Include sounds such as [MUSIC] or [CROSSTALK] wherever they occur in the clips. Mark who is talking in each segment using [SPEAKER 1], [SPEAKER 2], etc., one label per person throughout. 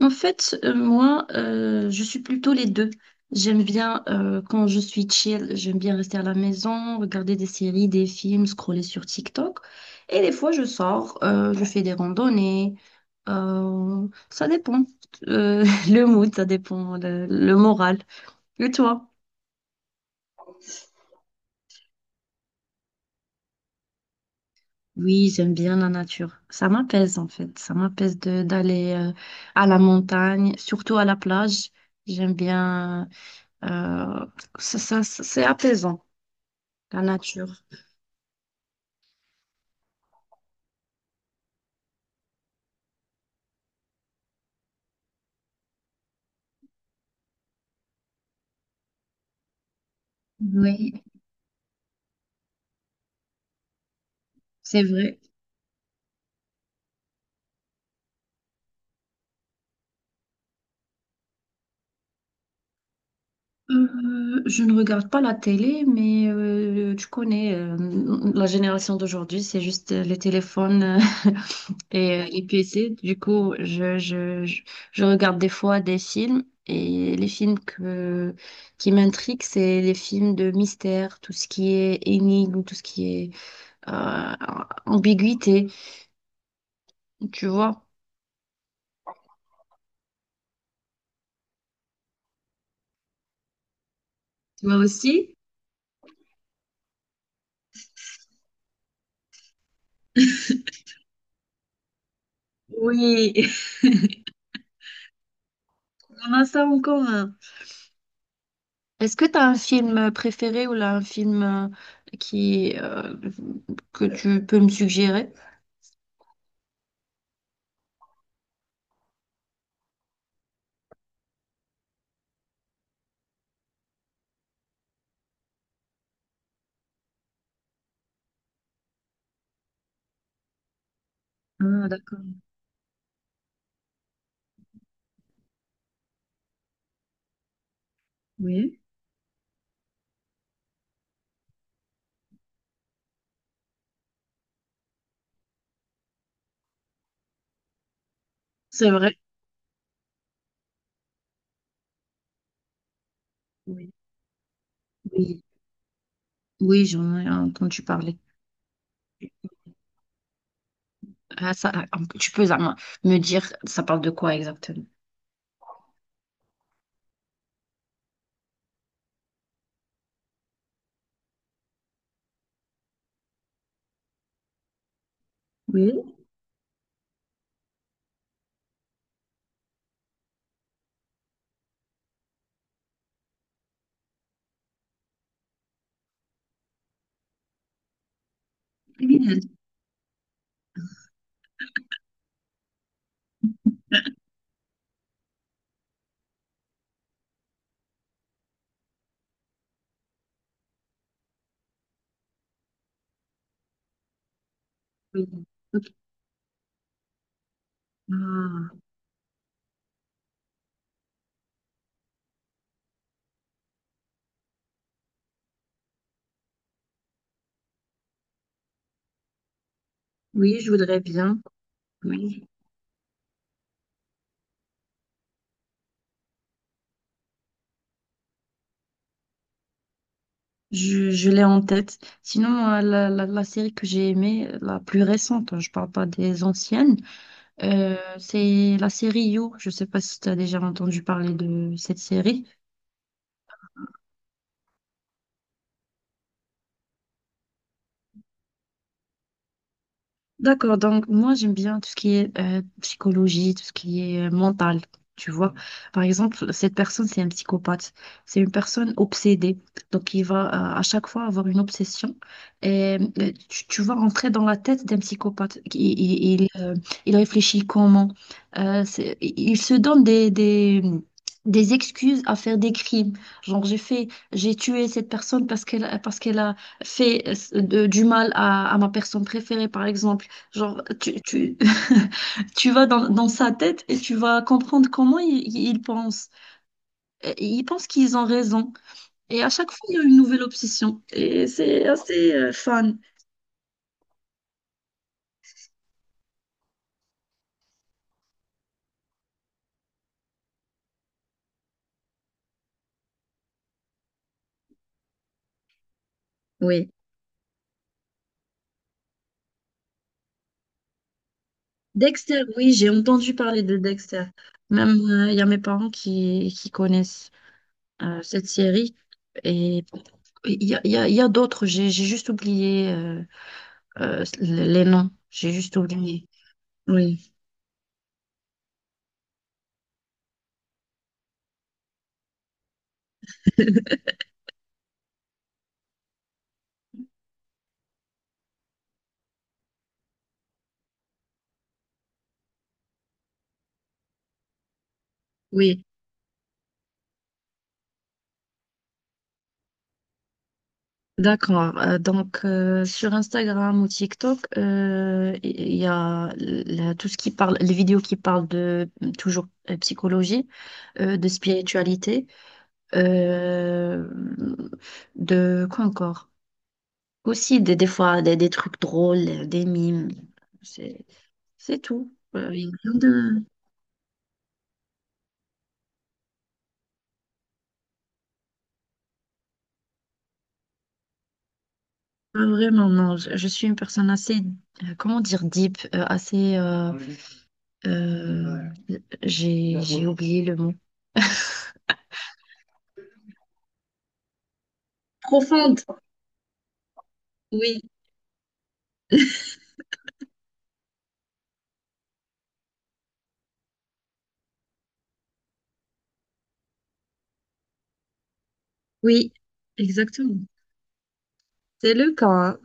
[SPEAKER 1] En fait, moi, je suis plutôt les deux. J'aime bien, quand je suis chill, j'aime bien rester à la maison, regarder des séries, des films, scroller sur TikTok. Et des fois, je sors, je fais des randonnées. Ça dépend. Euh, [LAUGHS] le mood, ça dépend, le moral. Et toi? Oui, j'aime bien la nature. Ça m'apaise, en fait. Ça m'apaise de d'aller à la montagne, surtout à la plage. J'aime bien... euh, c'est apaisant. La nature. Oui, c'est vrai. Je ne regarde pas la télé, mais tu connais la génération d'aujourd'hui, c'est juste les téléphones euh, [LAUGHS] et les PC. Du coup, je regarde des fois des films et qui m'intriguent, c'est les films de mystère, tout ce qui est énigme, tout ce qui est euh, ambiguïté, tu vois. Moi aussi? Oui, [LAUGHS] on a ça en commun. Est-ce que tu as un film préféré ou là, un film qui, euh, que tu peux me suggérer? Ah, d'accord. Oui, c'est vrai. Oui, oui, oui, j'en ai entendu parler. Ah, ça, ah, tu peux ah, me dire, ça parle de quoi exactement? Oui. Oui. Oui. Ok. Ah, oui, je voudrais bien. Oui. Je l'ai en tête. Sinon, moi, la série que j'ai aimée, la plus récente, hein, je parle pas des anciennes. C'est la série You. Je sais pas si tu as déjà entendu parler de cette série. D'accord, donc moi j'aime bien tout ce qui est psychologie, tout ce qui est mental, tu vois. Par exemple, cette personne, c'est un psychopathe, c'est une personne obsédée, donc il va à chaque fois avoir une obsession et tu vas rentrer dans la tête d'un psychopathe. Il réfléchit comment. Il se donne des excuses à faire des crimes. Genre j'ai fait, j'ai tué cette personne parce qu'elle a fait du mal à ma personne préférée, par exemple. Genre, [LAUGHS] tu vas dans sa tête et tu vas comprendre comment il pense. Et ils pensent qu'ils ont raison. Et à chaque fois, il y a une nouvelle obsession. Et c'est assez fun. Oui. Dexter, oui, j'ai entendu parler de Dexter. Même, il y a mes parents qui connaissent cette série. Et il y a d'autres. J'ai juste oublié les noms. J'ai juste oublié. Oui, oui. D'accord. Donc, sur Instagram ou TikTok, il y a tout ce qui parle, les vidéos qui parlent de toujours psychologie, de spiritualité, euh, de quoi encore? Aussi, des fois, des trucs drôles, des mimes. C'est, c'est tout. Il y a rien de... Pas vraiment, non. Je suis une personne assez, comment dire, deep, assez... euh, j'ai oublié le mot. Profonde. Oui, oui, exactement. C'est le cas, hein. En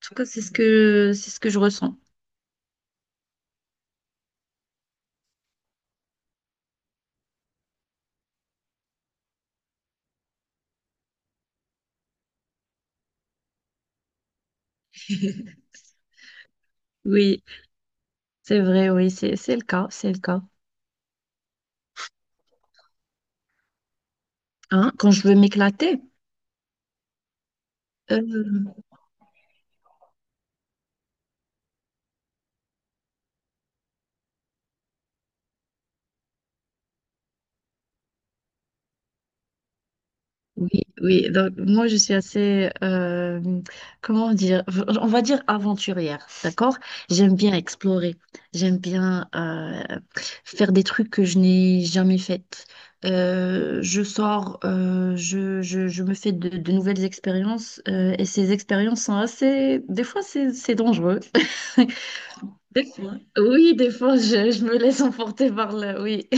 [SPEAKER 1] tout cas, c'est ce que je ressens. [LAUGHS] Oui, c'est vrai, oui, c'est le cas, c'est le cas. Hein, quand je veux m'éclater, euh, oui, oui. Donc moi je suis assez, comment dire, on va dire aventurière, d'accord? J'aime bien explorer, j'aime bien faire des trucs que je n'ai jamais fait. Je sors, je me fais de nouvelles expériences et ces expériences sont assez, des fois c'est dangereux. [LAUGHS] Des fois. Oui, des fois je me laisse emporter par là, oui.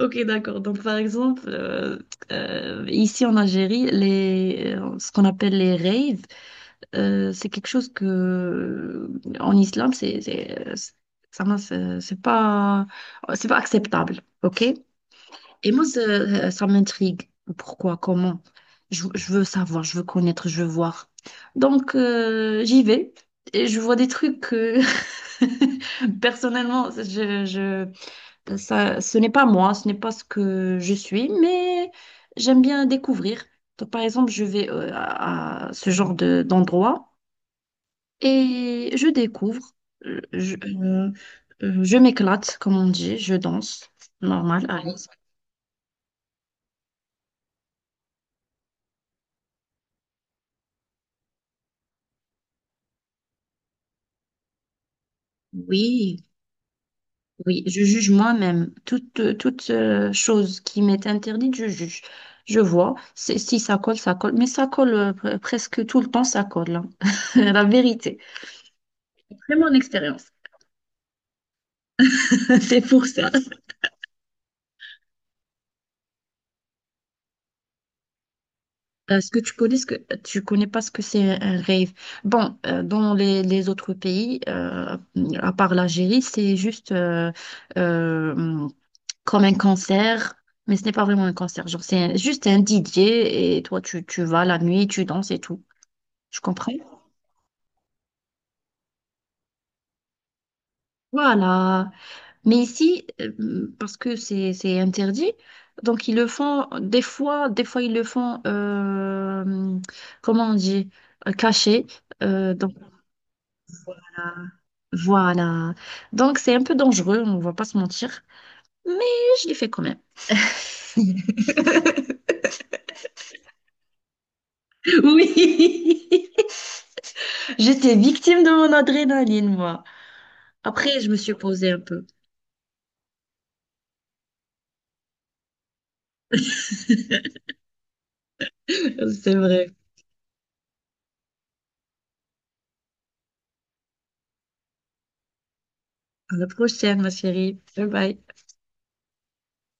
[SPEAKER 1] Ok, d'accord. Donc, par exemple, ici en Algérie, ce qu'on appelle les raves, c'est quelque chose que en islam, c'est- ça, m'a- c'est pas acceptable. Ok? Et moi, ça m'intrigue. Pourquoi? Comment? Je veux savoir, je veux connaître, je veux voir. Donc, j'y vais et je vois des trucs que, [LAUGHS] personnellement, je ça, ce n'est pas moi, ce n'est pas ce que je suis, mais j'aime bien découvrir. Donc, par exemple, je vais à ce genre d'endroit et je découvre, euh, je, euh, je m'éclate, comme on dit, je danse, normal, à oui, oui, je juge moi-même. Toute chose qui m'est interdite, je juge. Je vois. Si ça colle, ça colle, mais ça colle presque tout le temps, ça colle, hein. [LAUGHS] La vérité. C'est mon expérience. [LAUGHS] C'est pour ça. Est-ce que tu connais ce que tu connais pas ce que c'est un rave? Bon, dans les autres pays, à part l'Algérie, c'est juste euh, comme un concert, mais ce n'est pas vraiment un concert. Genre, juste un DJ et toi, tu vas la nuit, tu danses et tout. Tu comprends? Voilà. Mais ici, parce que c'est interdit, donc ils le font des fois ils le font, comment on dit, caché. Euh, donc, Voilà. Donc, c'est un peu dangereux, on ne va pas se mentir, mais je l'ai fait quand même. [LAUGHS] Oui, j'étais victime de mon adrénaline, moi. Après, je me suis posée un peu. [LAUGHS] C'est vrai. À la prochaine, ma chérie. Bye bye.